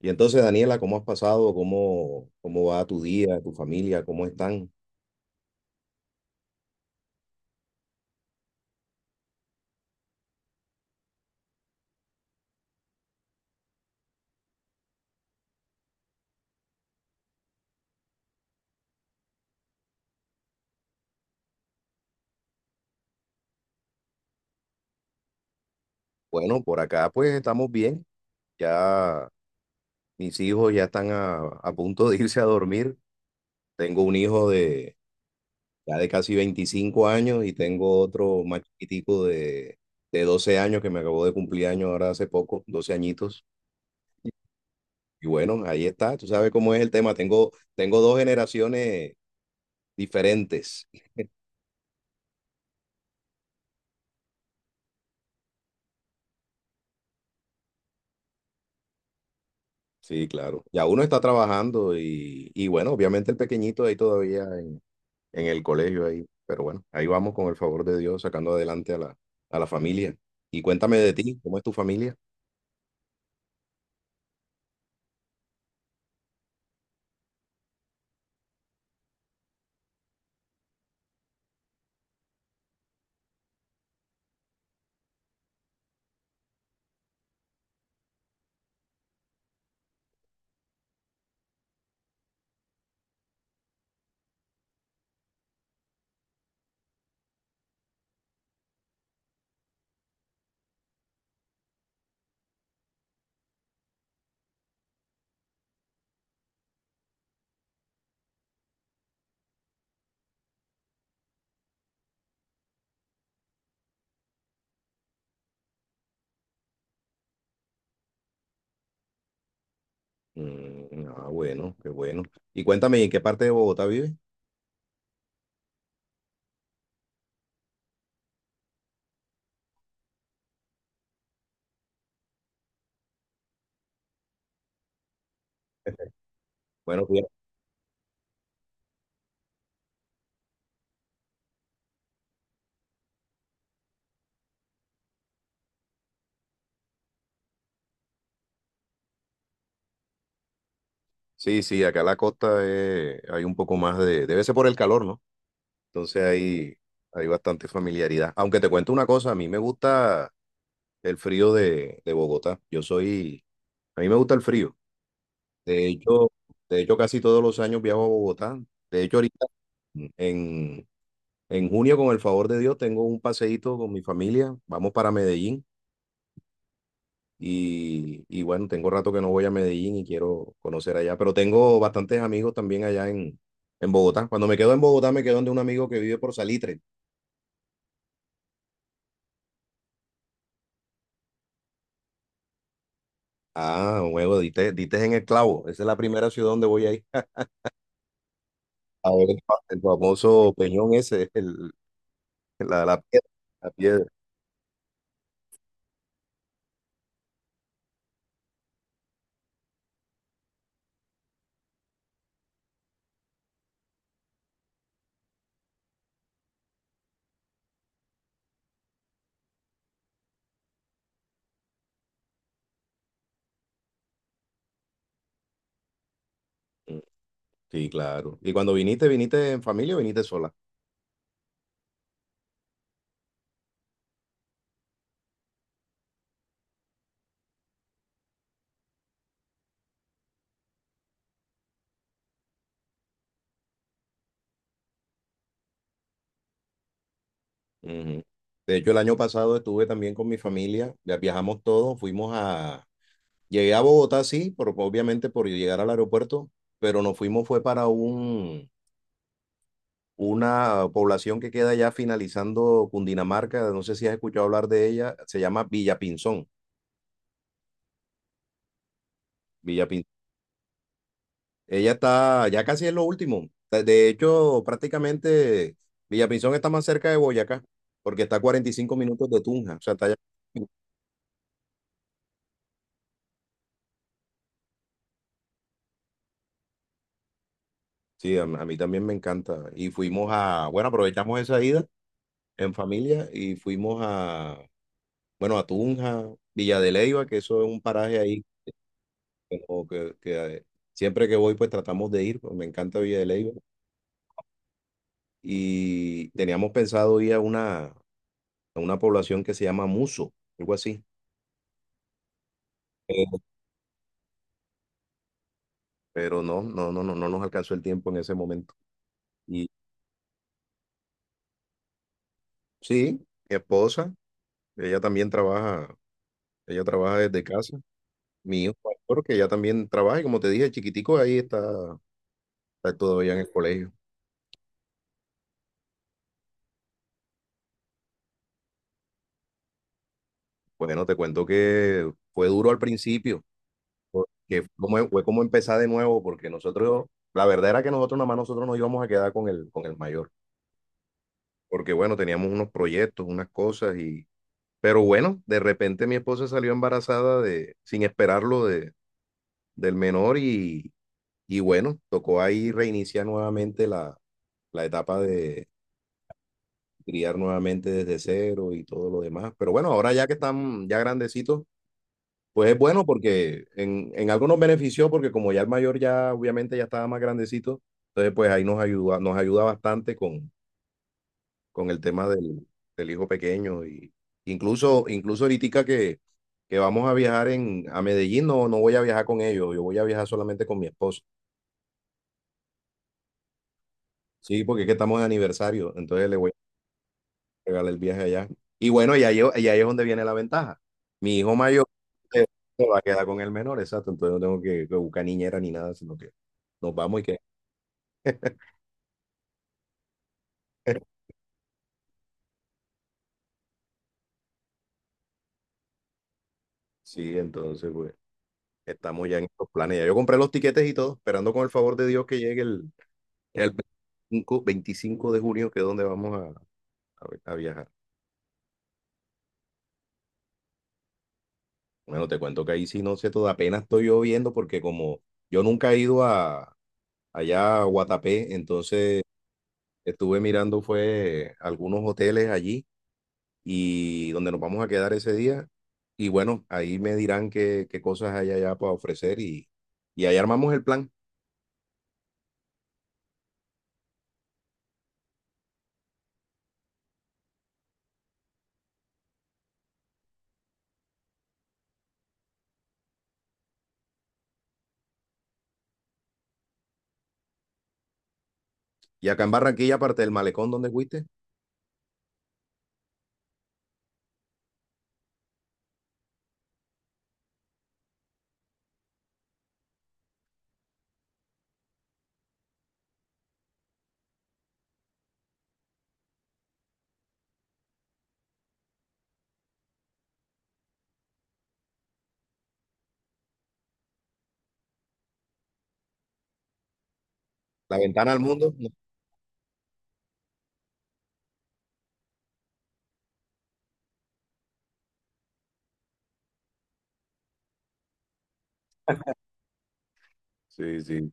Y entonces, Daniela, ¿cómo has pasado? ¿Cómo, cómo va tu día, tu familia? ¿Cómo están? Bueno, por acá pues estamos bien. Ya mis hijos ya están a punto de irse a dormir. Tengo un hijo de ya de casi 25 años y tengo otro más chiquitico de 12 años que me acabó de cumplir años ahora hace poco, 12 añitos. Y bueno, ahí está. Tú sabes cómo es el tema. Tengo dos generaciones diferentes. Sí, claro. Ya uno está trabajando y bueno, obviamente el pequeñito ahí todavía en el colegio ahí, pero bueno, ahí vamos con el favor de Dios sacando adelante a a la familia. Y cuéntame de ti, ¿cómo es tu familia? Mm, ah, bueno, qué bueno. Y cuéntame, ¿en qué parte de Bogotá vives? Bueno, fíjate- sí, sí, acá en la costa hay un poco más de, debe ser por el calor, ¿no? Entonces hay bastante familiaridad. Aunque te cuento una cosa, a mí me gusta el frío de Bogotá. Yo soy, a mí me gusta el frío. De hecho, de hecho, casi todos los años viajo a Bogotá. De hecho, ahorita mm, en, en junio, con el favor de Dios, tengo un paseíto con mi familia. Vamos para Medellín. Y bueno, tengo rato que no voy a Medellín y quiero conocer allá. Pero tengo bastantes amigos también allá en Bogotá. Cuando me quedo en Bogotá, me quedo donde un amigo que vive por Salitre. Ah, huevo, diste en el clavo. Esa es la primera ciudad donde voy a ir. A ver, famoso peñón ese, la piedra, la piedra. Sí, claro. Y cuando viniste, ¿viniste en familia o viniste sola? Ujú. De hecho, el año pasado estuve también con mi familia, ya viajamos todos, fuimos a... Llegué a Bogotá, sí, por, obviamente por llegar al aeropuerto, pero nos fuimos fue para una población que queda ya finalizando Cundinamarca, no sé si has escuchado hablar de ella, se llama Villapinzón. Villapinzón. Ella está, ya casi es lo último. De hecho, prácticamente Villapinzón está más cerca de Boyacá, porque está a 45 minutos de Tunja, o sea, está allá. Sí, a mí también me encanta. Y fuimos a, bueno, aprovechamos esa ida en familia y fuimos a, bueno, a Tunja, Villa de Leyva, que eso es un paraje ahí, como que, siempre que voy pues tratamos de ir, pues me encanta Villa de Leyva. Y teníamos pensado ir a a una población que se llama Muso, algo así. Eh, Pero no nos alcanzó el tiempo en ese momento. Y sí, mi esposa, ella también trabaja, ella trabaja desde casa. Mi hijo mayor, que ya también trabaja, y como te dije, chiquitico, ahí está todavía en el colegio. Bueno, te cuento que fue duro al principio, porque fue como empezar de nuevo, porque nosotros, la verdad era que nosotros nada más nos íbamos a quedar con con el mayor, porque bueno, teníamos unos proyectos, unas cosas, pero bueno, de repente mi esposa salió embarazada sin esperarlo del menor y bueno, tocó ahí reiniciar nuevamente la etapa de criar nuevamente desde cero y todo lo demás. Pero bueno, ahora ya que están ya grandecitos, pues es bueno porque en algo nos benefició porque como ya el mayor ya obviamente ya estaba más grandecito, entonces pues ahí nos ayuda bastante con el tema del hijo pequeño y incluso ahorita que vamos a viajar a Medellín, no, no voy a viajar con ellos, yo voy a viajar solamente con mi esposo. Sí, porque es que estamos de aniversario, entonces le voy regalar el viaje allá. Y bueno, y ahí es donde viene la ventaja. Mi hijo mayor eh, se va a quedar con el menor, exacto. Entonces no tengo que buscar niñera ni nada, sino que nos vamos y que. Sí, entonces, pues, estamos ya en estos planes. Ya yo compré los tiquetes y todo, esperando con el favor de Dios que llegue el 25 25 de junio, que es donde vamos a viajar. Bueno, te cuento que ahí sí no sé todo, apenas estoy yo viendo, porque como yo nunca he ido allá a Guatapé, entonces estuve mirando, fue algunos hoteles allí y donde nos vamos a quedar ese día. Y bueno, ahí me dirán qué cosas hay allá para ofrecer y ahí armamos el plan. Y acá en Barranquilla, aparte del malecón donde fuiste, la ventana al mundo. No. Sí, sí.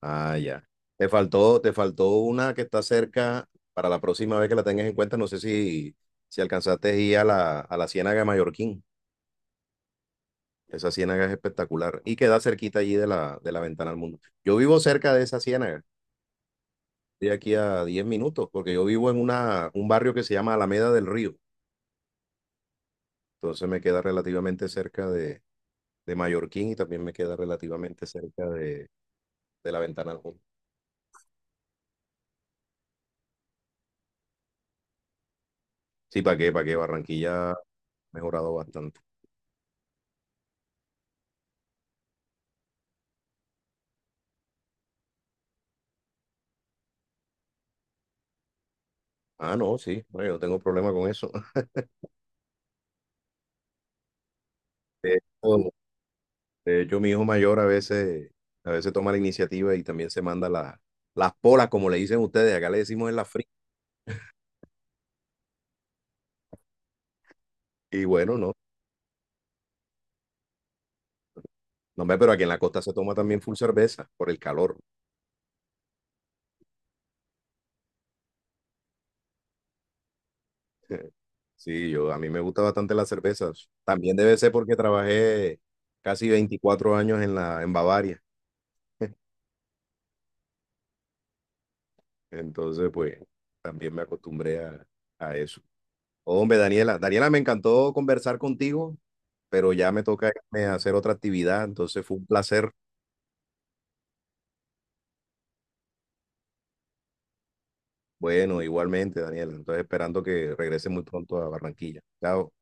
Ah, ya. Te faltó una que está cerca para la próxima vez que la tengas en cuenta. No sé si alcanzaste a ir a a la Ciénaga de Mallorquín. Esa ciénaga es espectacular y queda cerquita allí de de la ventana al mundo. Yo vivo cerca de esa ciénaga. De aquí a 10 minutos, porque yo vivo en un barrio que se llama Alameda del Río. Entonces me queda relativamente cerca de Mallorquín y también me queda relativamente cerca de la Ventana al Mundo. Sí, ¿para qué? ¿Para qué? Barranquilla ha mejorado bastante. Ah, no, sí, bueno, yo no tengo problema con eso. De hecho, de hecho, mi hijo mayor a veces toma la iniciativa y también se manda la- las polas, como le dicen ustedes, acá le decimos en la fría. Y bueno, no, no, hombre, pero aquí en la costa se toma también full cerveza por el calor. Sí, yo, a mí me gusta bastante las cervezas. También debe ser porque trabajé casi 24 años en en Bavaria. Entonces, pues, también me acostumbré a eso. Hombre, Daniela, me encantó conversar contigo, pero ya me toca irme a hacer otra actividad. Entonces, fue un placer. Bueno, igualmente, Daniela. Entonces, esperando que regrese muy pronto a Barranquilla. Chao.